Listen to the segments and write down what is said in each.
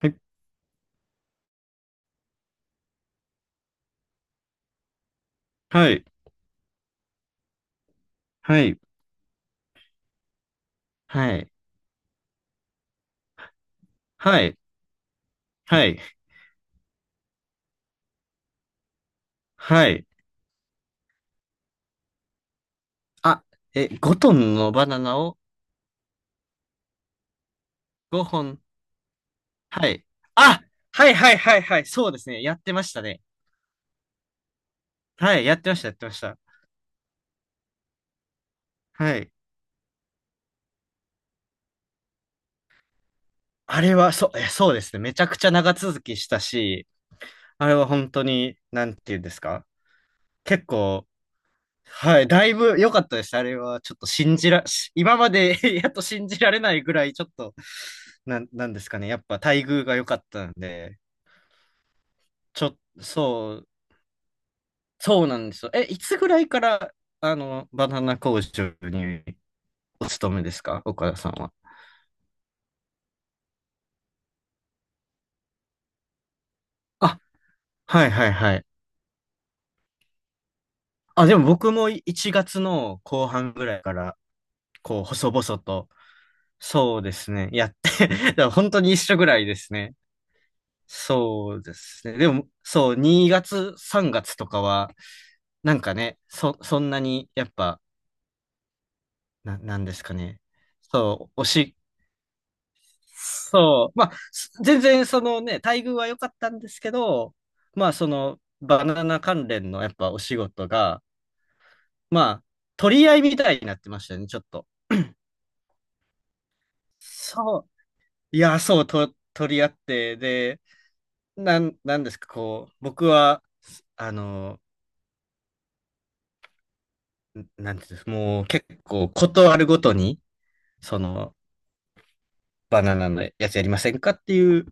はい、はい、はい、はい、はい、はい、はい。あ、え、5トンのバナナを5本。はい。あ、はいはいはいはい。そうですね。やってましたね。はい。やってました、やってました。はい。あれは、そう、え、そうですね。めちゃくちゃ長続きしたし、あれは本当に、なんていうんですか。結構、はい。だいぶ良かったです。あれは、ちょっと信じら、し今まで やっと信じられないぐらい、ちょっと、なんですかね。やっぱ待遇が良かったんで、そう、そうなんですよ。え、いつぐらいから、あの、バナナ工場にお勤めですか岡田さんは。あ、はいはいはい。あ、でも僕も1月の後半ぐらいから、こう、細々と、そうですね。やって、だから本当に一緒ぐらいですね。そうですね。でも、そう、2月、3月とかは、なんかね、そんなに、やっぱ、なんですかね。そう、そう。まあ、全然そのね、待遇は良かったんですけど、まあそのバナナ関連のやっぱお仕事が、まあ取り合いみたいになってましたね、ちょっと。そう。いや、そう、取り合って、で、なんですか、こう、僕は、あの、なんていうんです、もう結構ことあるごとに、その、バナナのやつやりませんかっていう、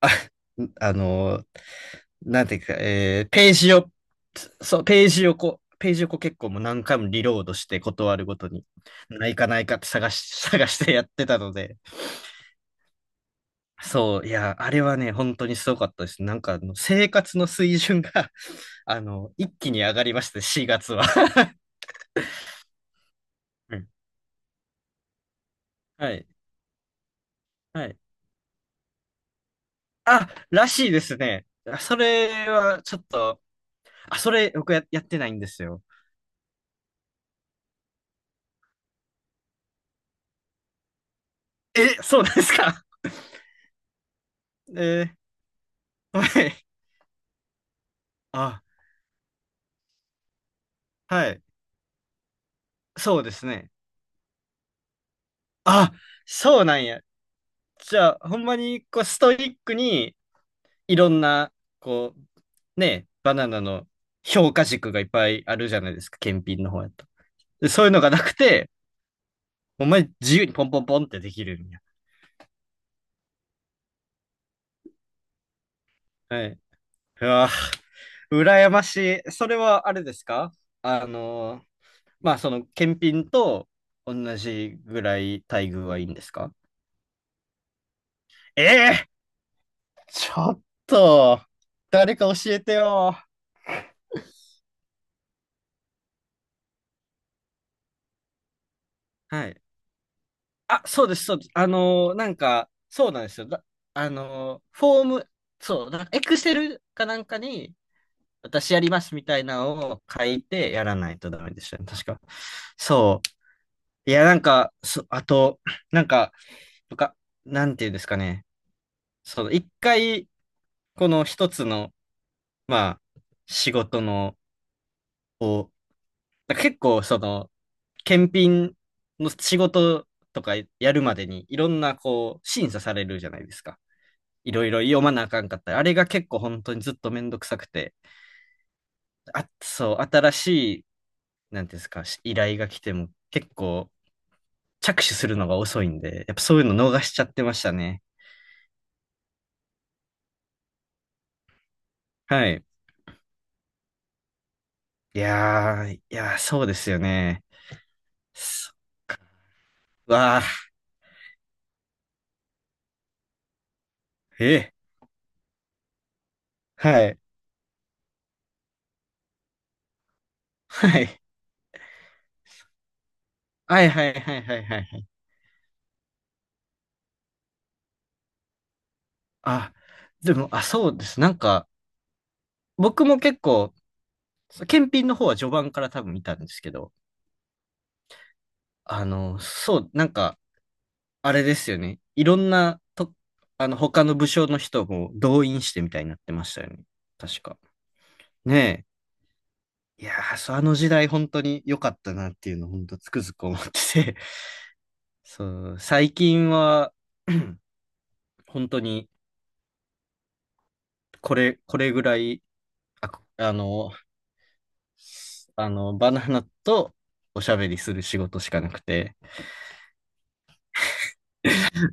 あ、あの、なんていうか、ページを、そう、ページをこう結構もう何回もリロードして断るごとに、ないかないかって探し、探してやってたので、そう、いや、あれはね、本当にすごかったです。なんかあの、生活の水準が、あの、一気に上がりまして、4月は。うんはい。はい。あ、らしいですね。あそれはちょっと、あ、それやってないんですよ。え、そうなんですかえーはい。あ、はい。そうですね。あ、そうなんや。じゃあ、ほんまに、こう、ストイックに、いろんな、こう、ね、バナナの評価軸がいっぱいあるじゃないですか、検品の方やと。でそういうのがなくて、ほんまに自由にポンポンポンってできるんや。はい。うわ、羨ましい。それはあれですかあの、まあ、その、検品と同じぐらい待遇はいいんですかええちょっと、誰か教えてよ。はい。あ、そうです、そうです。なんか、そうなんですよ。フォーム、そう、だエクセルかなんかに、私やりますみたいなのを書いてやらないとダメでしたね。確か。そう。いや、なんか、あと、なんか、とか、なんていうんですかね。その、一回、この一つの、まあ、仕事の、を、だ結構、その、検品の仕事とかやるまでに、いろんな、こう、審査されるじゃないですか。いろいろ読まなあかんかったり。あれが結構本当にずっとめんどくさくて。あ、そう、新しい、なんていうんですか、依頼が来ても結構着手するのが遅いんで、やっぱそういうの逃しちゃってましたね。はい。いやー、いやー、そうですよね。そっか。うわー、え、はい。はい。はいはいはいはいはいはい。あ、でも、あ、そうです。なんか、僕も結構、検品の方は序盤から多分見たんですけど、あの、そう、なんか、あれですよね。いろんな、と、あの、他の武将の人も動員してみたいになってましたよね。確か。ねえ。いやー、そうあの時代本当に良かったなっていうのを本当つくづく思ってて。そう、最近は、本当に、これ、これぐらい、あ、あの、あの、バナナとおしゃべりする仕事しかなくて。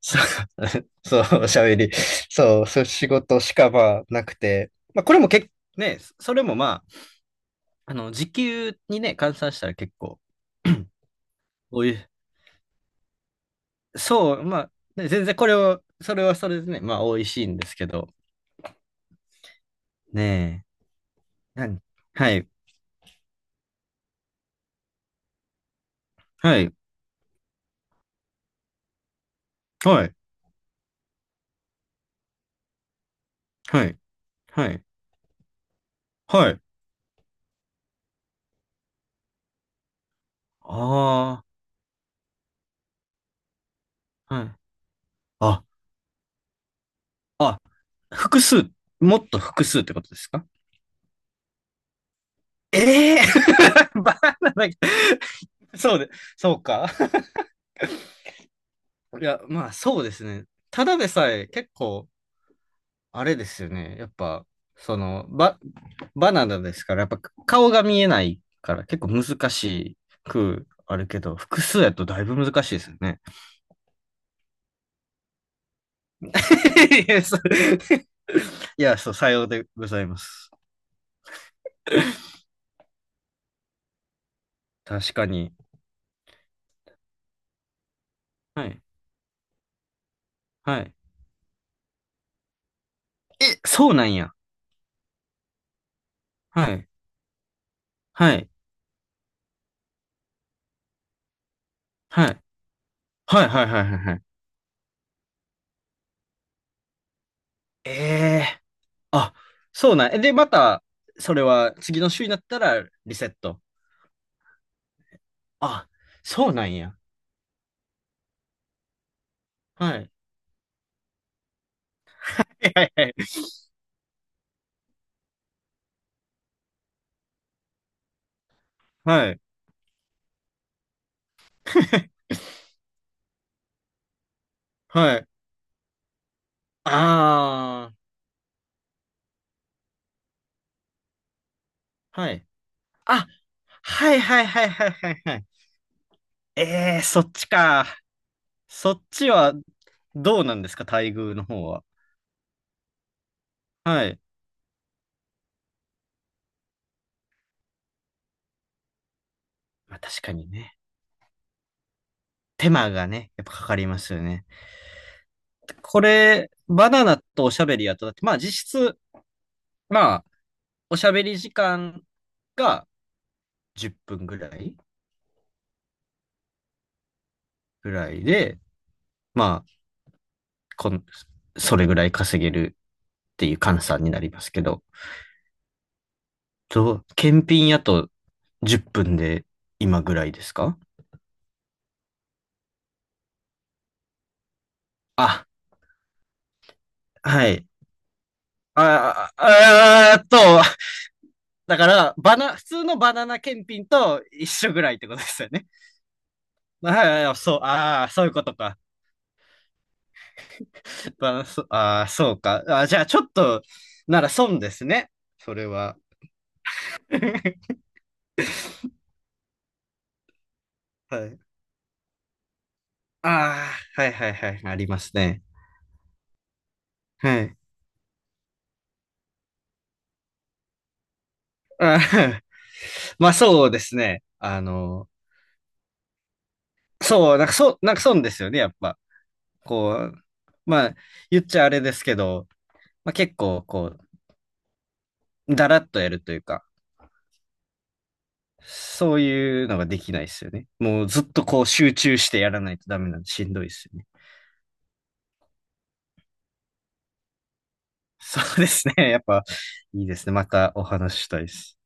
そう そう、おしゃべり。そう、そういう仕事しかまあなくて。まあ、これもね、それもまあ、あの、時給にね、換算したら結構、おい、そう、まあ、ね、全然これを、それはそれでね、まあ、美味しいんですけど、ねえ、何はい、はい、はい、はい、はい、はい、ああ、はい、あ、あ、複数、もっと複数ってことですかええー バナナ、そうで、そうか。いや、まあ、そうですね。ただでさえ結構、あれですよね。やっぱ、その、バナナですから、やっぱ顔が見えないから結構難しくあるけど、複数やとだいぶ難しいですよね。いや、そう、いやそうさようでございます。確かに。はい。はい。え、そうなんや。はい。はい。はい。はい、はい、はい、はいはい。ええーあ、そうなんや。で、また、それは次の週になったらリセット。あ、そうなんや。はい。はい、はい。はい。はい。ああ、はい。あ、はいはいはいはいはいはい。えー、そっちか。そっちはどうなんですか、待遇の方は。はい。まあ確かにね。手間がね、やっぱかかりますよね。これ、バナナとおしゃべりやと、だって、まあ実質、まあ、おしゃべり時間が10分ぐらいで、まあ、こん、それぐらい稼げるっていう換算になりますけど、と検品やと10分で今ぐらいですかあ、はい。あ、あ、あーっと、だから、普通のバナナ検品と一緒ぐらいってことですよね。はいはい、そう、ああ、そういうことか。バナ、そ、ああ、そうか。あー、じゃあ、ちょっと、なら損ですね。それは。はい。ああ、はいはいはい、ありますね。はい。あー まあ、そうですね。あの、そう、なんか、そう、なんか損ですよね、やっぱ。こう、まあ、言っちゃあれですけど、まあ、結構、こう、だらっとやるというか、そういうのができないですよね。もうずっとこう集中してやらないとダメなんでしんどいですよね。そうですね。やっぱいいですね。またお話ししたいです。